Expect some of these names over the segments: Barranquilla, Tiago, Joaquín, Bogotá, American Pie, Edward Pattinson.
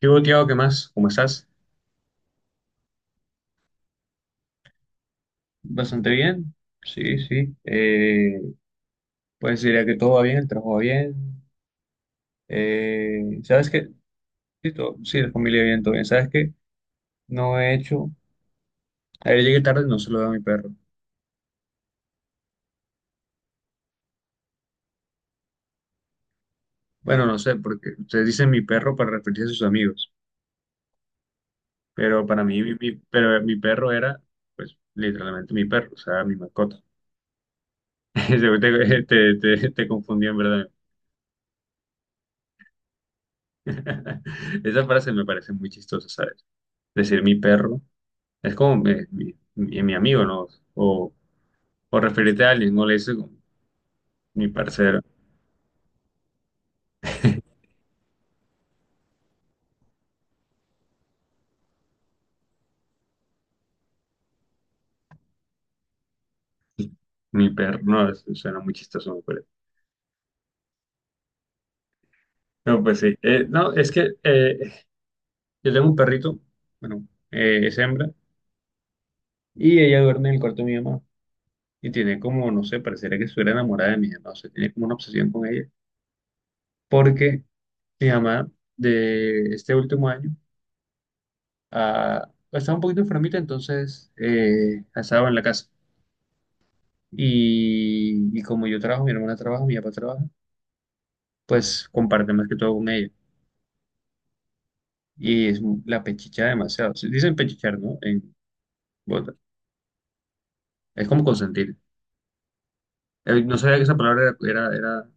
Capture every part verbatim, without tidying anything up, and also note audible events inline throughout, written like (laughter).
¿Qué hubo, Tiago? ¿Qué más? ¿Cómo estás? Bastante bien. Sí, sí. Eh, pues diría que todo va bien, el trabajo va bien. Eh, ¿sabes qué? Sí, todo- sí, la familia bien, todo bien. ¿Sabes qué? No he hecho. Ayer llegué tarde y no se lo doy a mi perro. Bueno, no sé, porque ustedes dicen mi perro para referirse a sus amigos. Pero para mí, mi, mi- pero mi perro era, pues, literalmente mi perro, o sea, mi mascota. (laughs) Seguro Te, te, te, te confundí, en verdad. (laughs) Esa frase me parece muy chistosa, ¿sabes? Decir mi perro. Es como mi, mi- mi- mi amigo, ¿no? O, o referirte a alguien, no le dices como mi parcero, mi perro, no, eso suena muy chistoso, ¿no? pero... No, pues sí. Eh, no, es que eh, yo tengo un perrito, bueno, eh, es hembra, y ella duerme en el cuarto de mi mamá. Y tiene como, no sé, pareciera que estuviera enamorada de mi mamá, o sea, tiene como una obsesión con ella. Porque mi mamá, de este último año, ah, estaba un poquito enfermita, entonces eh, estaba en la casa. Y, y como yo trabajo, mi hermana trabaja, mi papá trabaja, pues comparte más que todo con ella. Y es mu- la pechicha demasiado. Se dicen pechichar, ¿no? En Bogotá. Es como consentir. Eh, No sabía que esa palabra era, era, era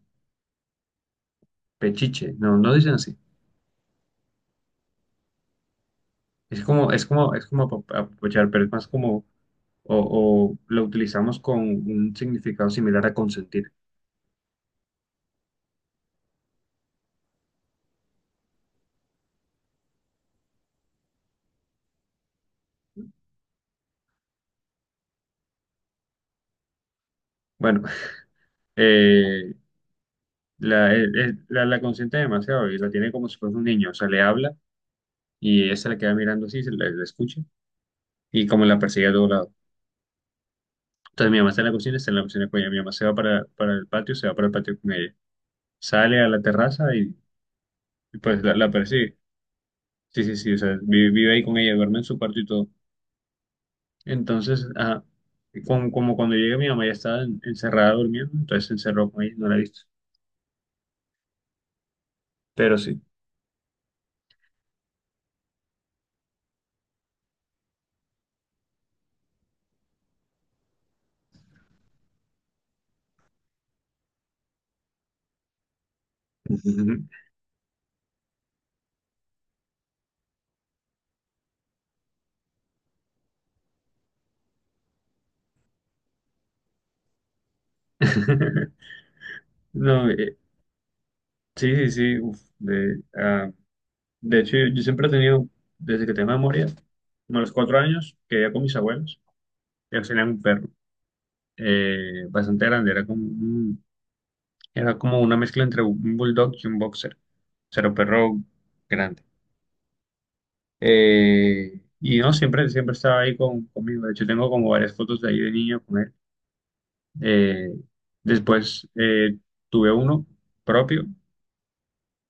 pechiche. No, no dicen así. Es como, es como, es como apap- apapachar, pero es más como, o, o lo utilizamos con un significado similar a consentir. Bueno, (laughs) eh, la, eh, eh, la, la consiente demasiado y la tiene como si fuese un niño. O sea, le habla y ella se la queda mirando así, se la la escucha y como la perseguía a todo lado. Entonces mi mamá está en la cocina, está en la cocina con ella. Mi mamá se va para, para el patio, se va para el patio con ella. Sale a la terraza y, y pues la, la persigue. Sí, sí, sí, o sea, vi- vive ahí con ella, duerme en su cuarto y todo. Entonces, ah, como, como cuando llega mi mamá ya estaba en- encerrada durmiendo, entonces se encerró con ella, no la he visto. Pero sí. (laughs) No, eh, sí, sí, sí. Uf, de, ah, de hecho, yo, yo siempre he tenido, desde que tengo memoria, como a los cuatro años, que vivía con mis abuelos, ellos tenían un perro. Eh, bastante grande, era como, un- era como una mezcla entre un bulldog y un boxer, o sea, era un perro grande. Eh, y no, siempre, siempre estaba ahí con, conmigo. De hecho tengo como varias fotos de ahí de niño con él. Eh, después eh, tuve uno propio, o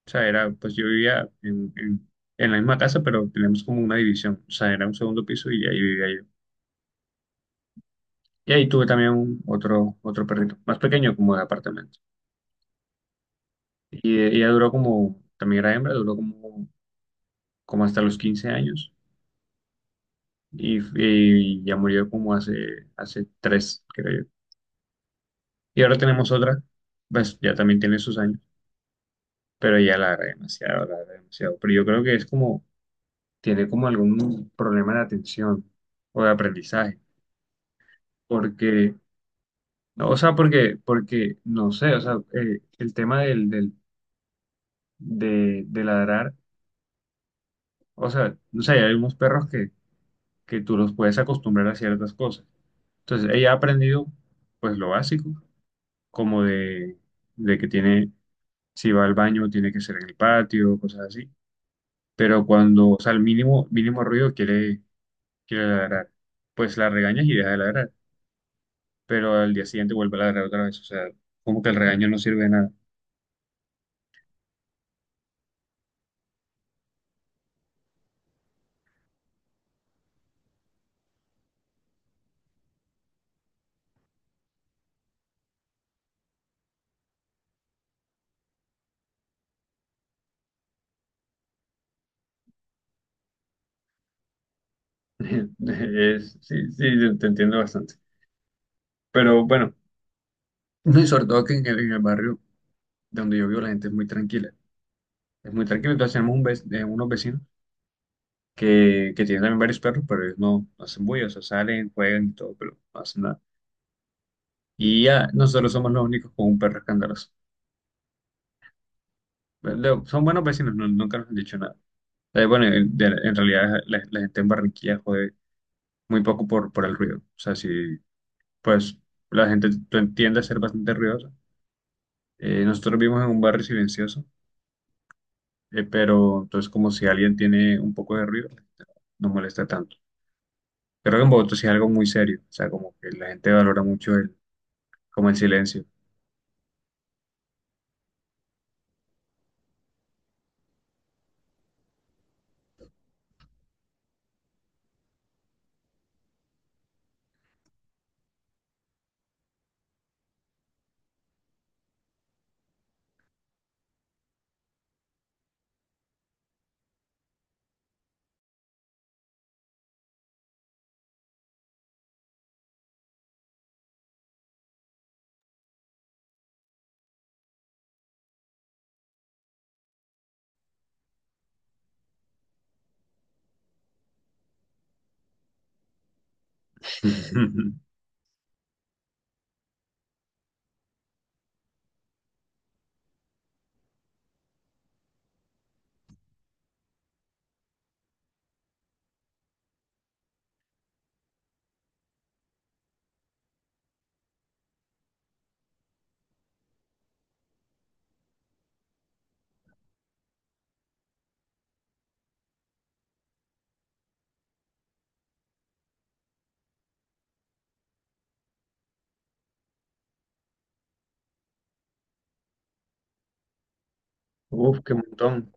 sea, era, pues yo vivía en, en- en la misma casa, pero teníamos como una división, o sea, era un segundo piso y ahí vivía yo. Y ahí tuve también un- otro, otro perrito, más pequeño como de apartamento. Y eh, ella duró como, también era hembra, duró como, como hasta los quince años y, y ya murió como hace, hace tres, creo yo. Y ahora tenemos otra, pues ya también tiene sus años, pero ya la agrega demasiado, la agrega demasiado. Pero yo creo que es como, tiene como algún problema de atención o de aprendizaje, porque, no, o sea, porque, porque, no sé, o sea, eh, el tema del, del, de, de ladrar, o sea, no sé, hay algunos perros que, que tú los puedes acostumbrar a ciertas cosas. Entonces, ella ha aprendido pues lo básico, como de, de que tiene, si va al baño, tiene que ser en el patio, cosas así. Pero cuando, o sea, el mínimo, mínimo ruido quiere, quiere, ladrar, pues la regañas y deja de ladrar. Pero al día siguiente vuelve a ladrar otra vez. O sea, como que el regaño no sirve de nada. (laughs) Es- sí, sí, te entiendo bastante. Pero bueno, no, y sobre todo que en el, en el barrio donde yo vivo la gente es muy tranquila. Es muy tranquila. Entonces tenemos un vec- eh, unos vecinos que, que tiene también varios perros, pero ellos no, no hacen bulla, o sea, salen, juegan y todo, pero no hacen nada. Y ya, nosotros somos los únicos con un perro escandaloso. Pero son buenos vecinos, no- nunca nos han dicho nada. Eh, bueno, en, de- en realidad la, la gente en Barranquilla jode muy poco por, por el ruido. O sea, si, pues, la gente t- tiende a ser bastante ruidosa. Eh, nosotros vivimos en un barrio silencioso, eh, pero entonces como si alguien tiene un poco de ruido, no molesta tanto. Creo que en Bogotá sí es algo muy serio, o sea, como que la gente valora mucho el, como el silencio. (laughs) Uf, qué montón.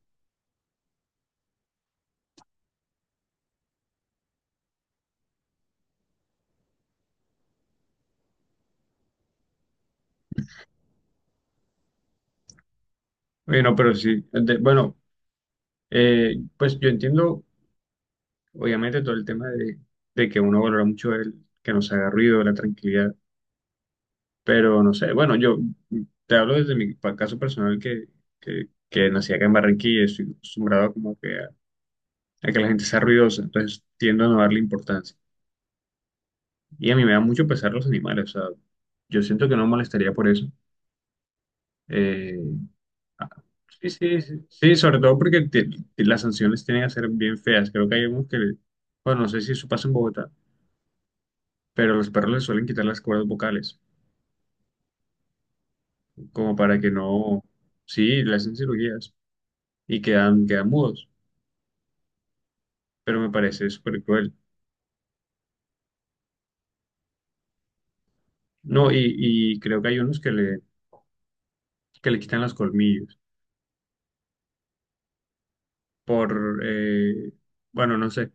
Bueno, pero sí, de- bueno, eh, pues yo entiendo, obviamente, todo el tema de, de que uno valora mucho el que nos haga ruido, la tranquilidad, pero no sé, bueno, yo te hablo desde mi pa- caso personal que, que, que nací acá en Barranquilla y estoy acostumbrado como que a, a que la gente sea ruidosa, entonces tiendo a no darle importancia. Y a mí me da mucho pesar los animales, o sea, yo siento que no me molestaría por eso. eh, Ah, Sí, sí, sí, sí, sobre todo porque te- te- las sanciones tienen a ser bien feas. Creo que hay unos que, le- bueno, no sé si eso pasa en Bogotá, pero los perros les suelen quitar las cuerdas vocales, como para que no, sí, le hacen cirugías y quedan, quedan mudos, pero me parece súper cruel. No, y, y creo que hay unos que le, que le quitan los colmillos por, eh, bueno, no sé.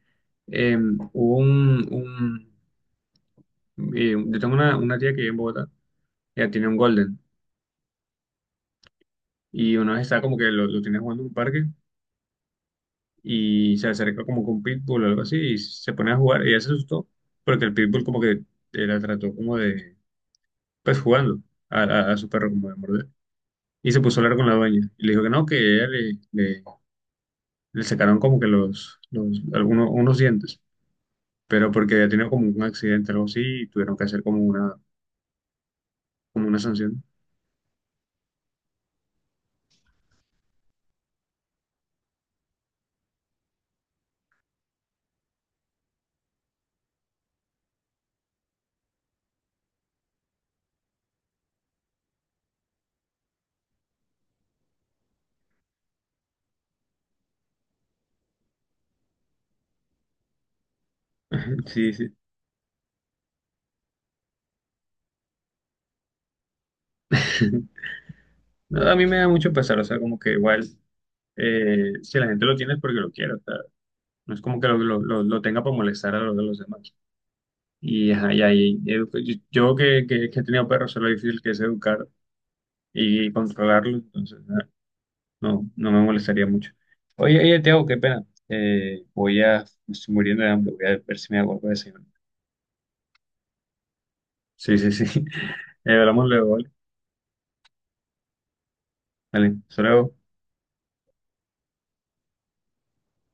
Eh, hubo un, un eh, yo tengo una, una tía que vive en Bogotá, ella tiene un golden. Y una vez estaba como que lo, lo tenía jugando en un parque y se acerca como con un Pitbull o algo así y se pone a jugar. Ella se asustó porque el Pitbull como que eh, la trató como de, pues jugando a, a- a su perro como de morder. Y se puso a hablar con la dueña y le dijo que no, que ella le, le, le sacaron como que los, los algunos unos dientes, pero porque había tenido como un accidente o algo así y tuvieron que hacer como una, como una sanción. Sí, sí. (laughs) No, a mí me da mucho pesar, o sea, como que igual, eh, si la gente lo tiene es porque lo quiere, o sea, no es como que lo, lo- lo- lo tenga para molestar a los, a los demás. Y, ajá, y ahí, eh, yo yo que, que, que he tenido perros, sé lo difícil que es educar y controlarlo, entonces ah, no, no me molestaría mucho. Oye, oye, Tiago, qué pena. Eh, voy a, me estoy muriendo de hambre, voy a ver si me hago algo de desayuno. Sí, sí, sí. (laughs) Eh, hablamos luego, ¿vale? Vale, hasta luego.